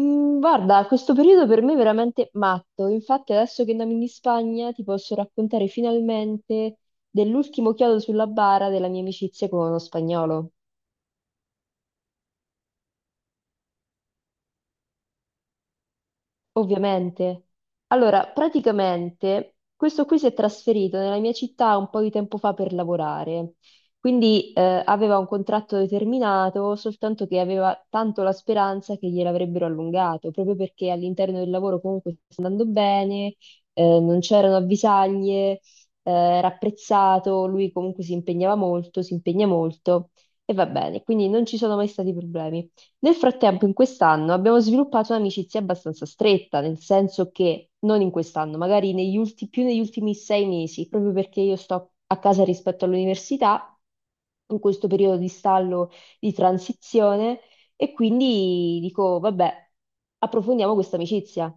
Guarda, questo periodo per me è veramente matto. Infatti, adesso che andiamo in Spagna, ti posso raccontare finalmente dell'ultimo chiodo sulla bara della mia amicizia con uno spagnolo. Ovviamente. Allora, praticamente questo qui si è trasferito nella mia città un po' di tempo fa per lavorare, quindi aveva un contratto determinato, soltanto che aveva tanto la speranza che gliel'avrebbero allungato, proprio perché all'interno del lavoro comunque sta andando bene, non c'erano avvisaglie, era apprezzato, lui comunque si impegnava molto, si impegna molto e va bene, quindi non ci sono mai stati problemi. Nel frattempo, in quest'anno abbiamo sviluppato un'amicizia abbastanza stretta, nel senso che non in quest'anno, magari più negli ultimi 6 mesi, proprio perché io sto a casa rispetto all'università, in questo periodo di stallo, di transizione, e quindi dico, vabbè, approfondiamo questa amicizia.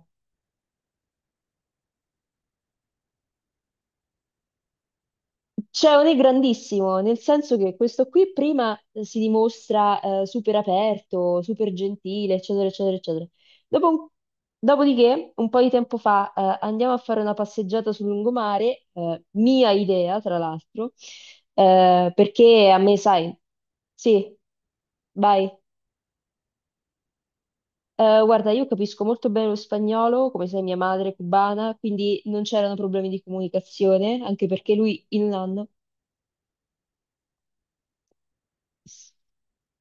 C'è un è grandissimo, nel senso che questo qui prima si dimostra super aperto, super gentile, eccetera, eccetera, eccetera. Dopo un- dopodiché, un po' di tempo fa, andiamo a fare una passeggiata sul lungomare, mia idea, tra l'altro, perché a me, sai, sì, vai. Guarda, io capisco molto bene lo spagnolo, come sai, mia madre è cubana, quindi non c'erano problemi di comunicazione, anche perché lui in un anno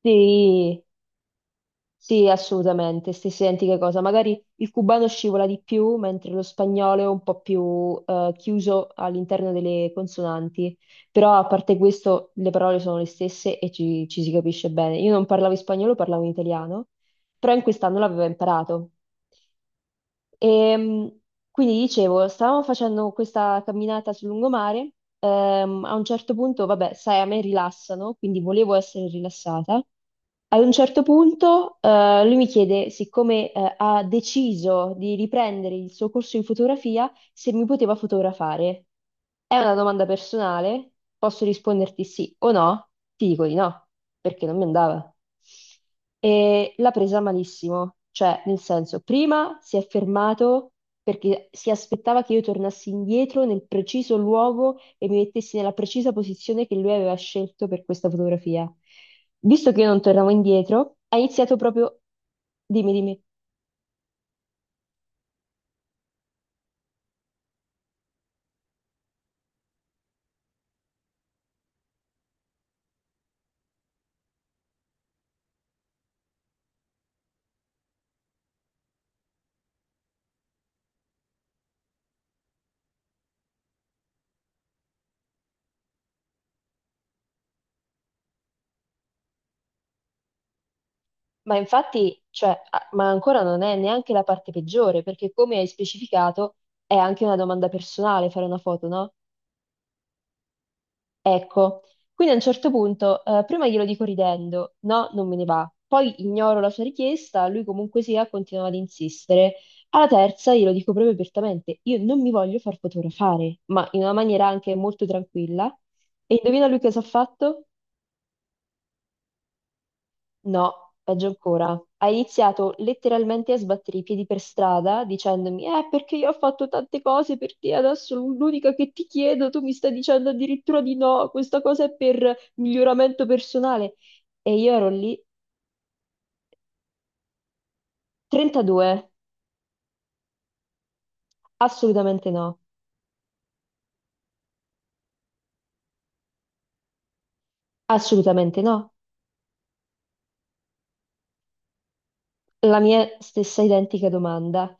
sì, sì, assolutamente, stessa identica cosa. Magari il cubano scivola di più, mentre lo spagnolo è un po' più chiuso all'interno delle consonanti. Però a parte questo, le parole sono le stesse e ci si capisce bene. Io non parlavo in spagnolo, parlavo in italiano, però in quest'anno l'avevo imparato. E, quindi dicevo, stavamo facendo questa camminata sul lungomare, a un certo punto, vabbè, sai, a me rilassano, quindi volevo essere rilassata. Ad un certo punto, lui mi chiede, siccome, ha deciso di riprendere il suo corso in fotografia, se mi poteva fotografare. È una domanda personale, posso risponderti sì o no? Ti dico di no, perché non mi andava. E l'ha presa malissimo, cioè nel senso, prima si è fermato perché si aspettava che io tornassi indietro nel preciso luogo e mi mettessi nella precisa posizione che lui aveva scelto per questa fotografia. Visto che io non tornavo indietro, ha iniziato proprio... Dimmi, dimmi. Ma infatti, cioè, ma ancora non è neanche la parte peggiore, perché come hai specificato, è anche una domanda personale fare una foto, no? Ecco, quindi a un certo punto, prima glielo dico ridendo, no, non me ne va. Poi ignoro la sua richiesta, lui comunque sia, continua ad insistere. Alla terza glielo dico proprio apertamente, io non mi voglio far fotografare, ma in una maniera anche molto tranquilla. E indovina lui cosa ha fatto? No, peggio ancora. Ha iniziato letteralmente a sbattere i piedi per strada dicendomi: perché io ho fatto tante cose per te, adesso l'unica che ti chiedo, tu mi stai dicendo addirittura di no, questa cosa è per miglioramento personale. E io ero lì, 32, assolutamente no, assolutamente no. La mia stessa identica domanda.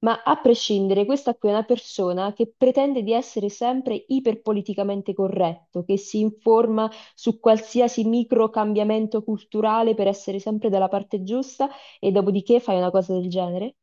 Ma a prescindere, questa qui è una persona che pretende di essere sempre iperpoliticamente corretto, che si informa su qualsiasi micro cambiamento culturale per essere sempre dalla parte giusta e dopodiché fai una cosa del genere?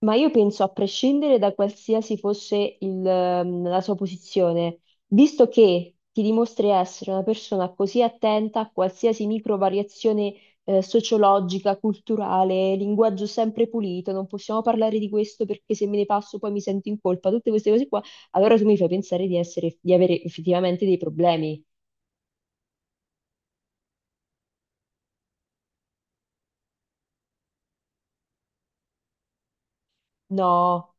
Ma io penso, a prescindere da qualsiasi fosse il, la sua posizione, visto che ti dimostri essere una persona così attenta a qualsiasi micro variazione sociologica, culturale, linguaggio sempre pulito, non possiamo parlare di questo perché se me ne passo poi mi sento in colpa, tutte queste cose qua, allora tu mi fai pensare di essere, di avere effettivamente dei problemi. No,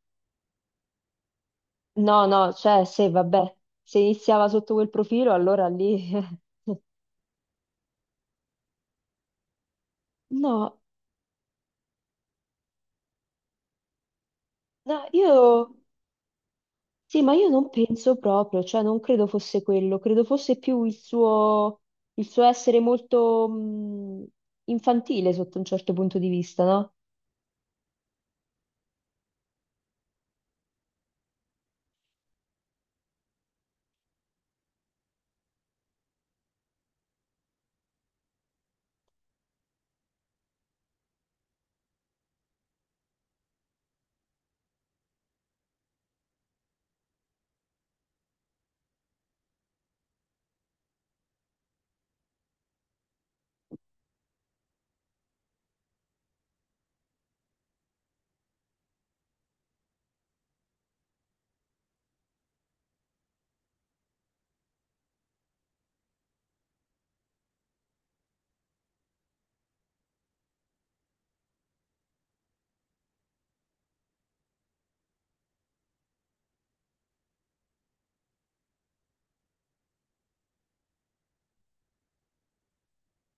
no, no, cioè se vabbè, se iniziava sotto quel profilo, allora lì... No, no, io... Sì, ma io non penso proprio, cioè non credo fosse quello, credo fosse più il suo essere molto infantile sotto un certo punto di vista, no?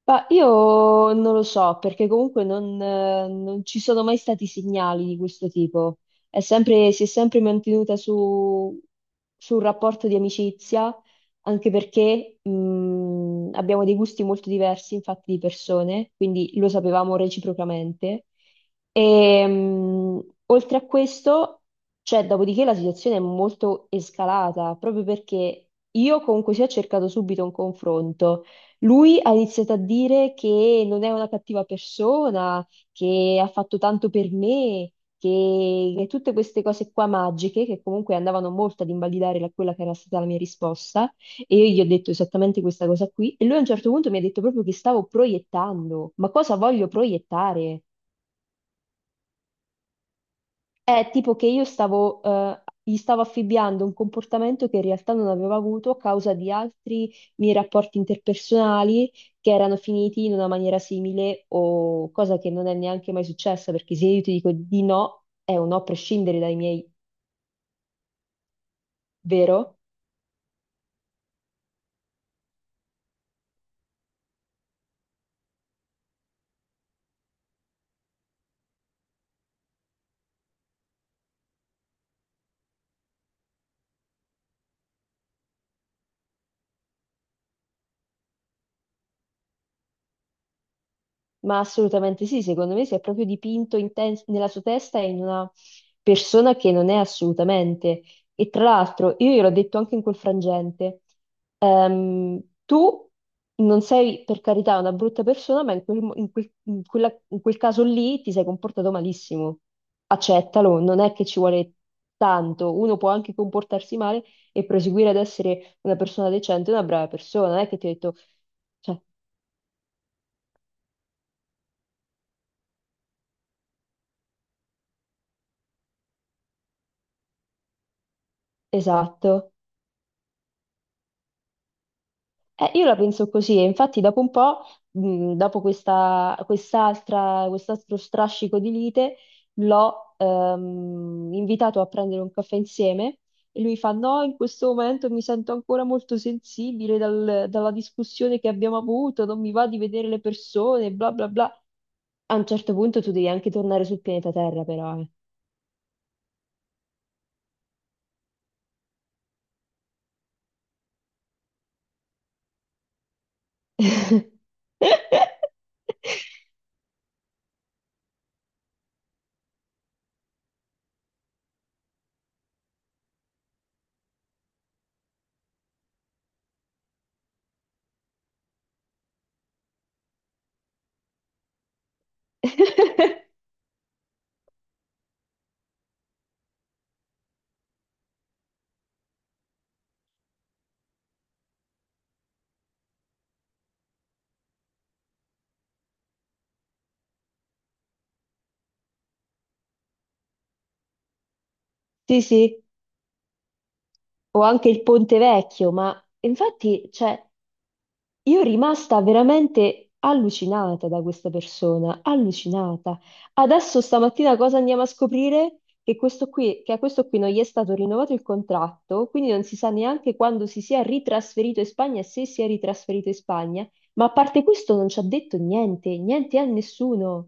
Ma io non lo so, perché comunque non, non ci sono mai stati segnali di questo tipo. Si è sempre mantenuta su, su un rapporto di amicizia, anche perché abbiamo dei gusti molto diversi, infatti, di persone, quindi lo sapevamo reciprocamente. E, oltre a questo, cioè, dopodiché la situazione è molto escalata, proprio perché io comunque sia ho cercato subito un confronto. Lui ha iniziato a dire che non è una cattiva persona, che ha fatto tanto per me, che tutte queste cose qua magiche, che comunque andavano molto ad invalidare quella che era stata la mia risposta, e io gli ho detto esattamente questa cosa qui, e lui a un certo punto mi ha detto proprio che stavo proiettando, ma cosa voglio proiettare? È tipo che io stavo, gli stavo affibbiando un comportamento che in realtà non avevo avuto a causa di altri miei rapporti interpersonali che erano finiti in una maniera simile o cosa che non è neanche mai successa, perché se io ti dico di no, è un no a prescindere dai miei, vero? Ma assolutamente sì, secondo me si è proprio dipinto in nella sua testa in una persona che non è assolutamente. E tra l'altro, io gliel'ho detto anche in quel frangente. Ehm, tu non sei per carità una brutta persona, ma in quel, in quel caso lì ti sei comportato malissimo. Accettalo, non è che ci vuole tanto. Uno può anche comportarsi male e proseguire ad essere una persona decente, una brava persona. Non è che ti ho detto, cioè, esatto. Io la penso così, e infatti dopo un po', dopo quest'altro strascico di lite, l'ho invitato a prendere un caffè insieme e lui fa: No, in questo momento mi sento ancora molto sensibile dalla discussione che abbiamo avuto, non mi va di vedere le persone, bla bla bla. A un certo punto tu devi anche tornare sul pianeta Terra, però, eh. Sì, sì, o anche il Ponte Vecchio, ma infatti, cioè, io rimasta veramente allucinata da questa persona, allucinata. Adesso stamattina cosa andiamo a scoprire? Che questo qui, che a questo qui non gli è stato rinnovato il contratto, quindi non si sa neanche quando si sia ritrasferito in Spagna, e se si è ritrasferito in Spagna, ma a parte questo non ci ha detto niente, niente a nessuno.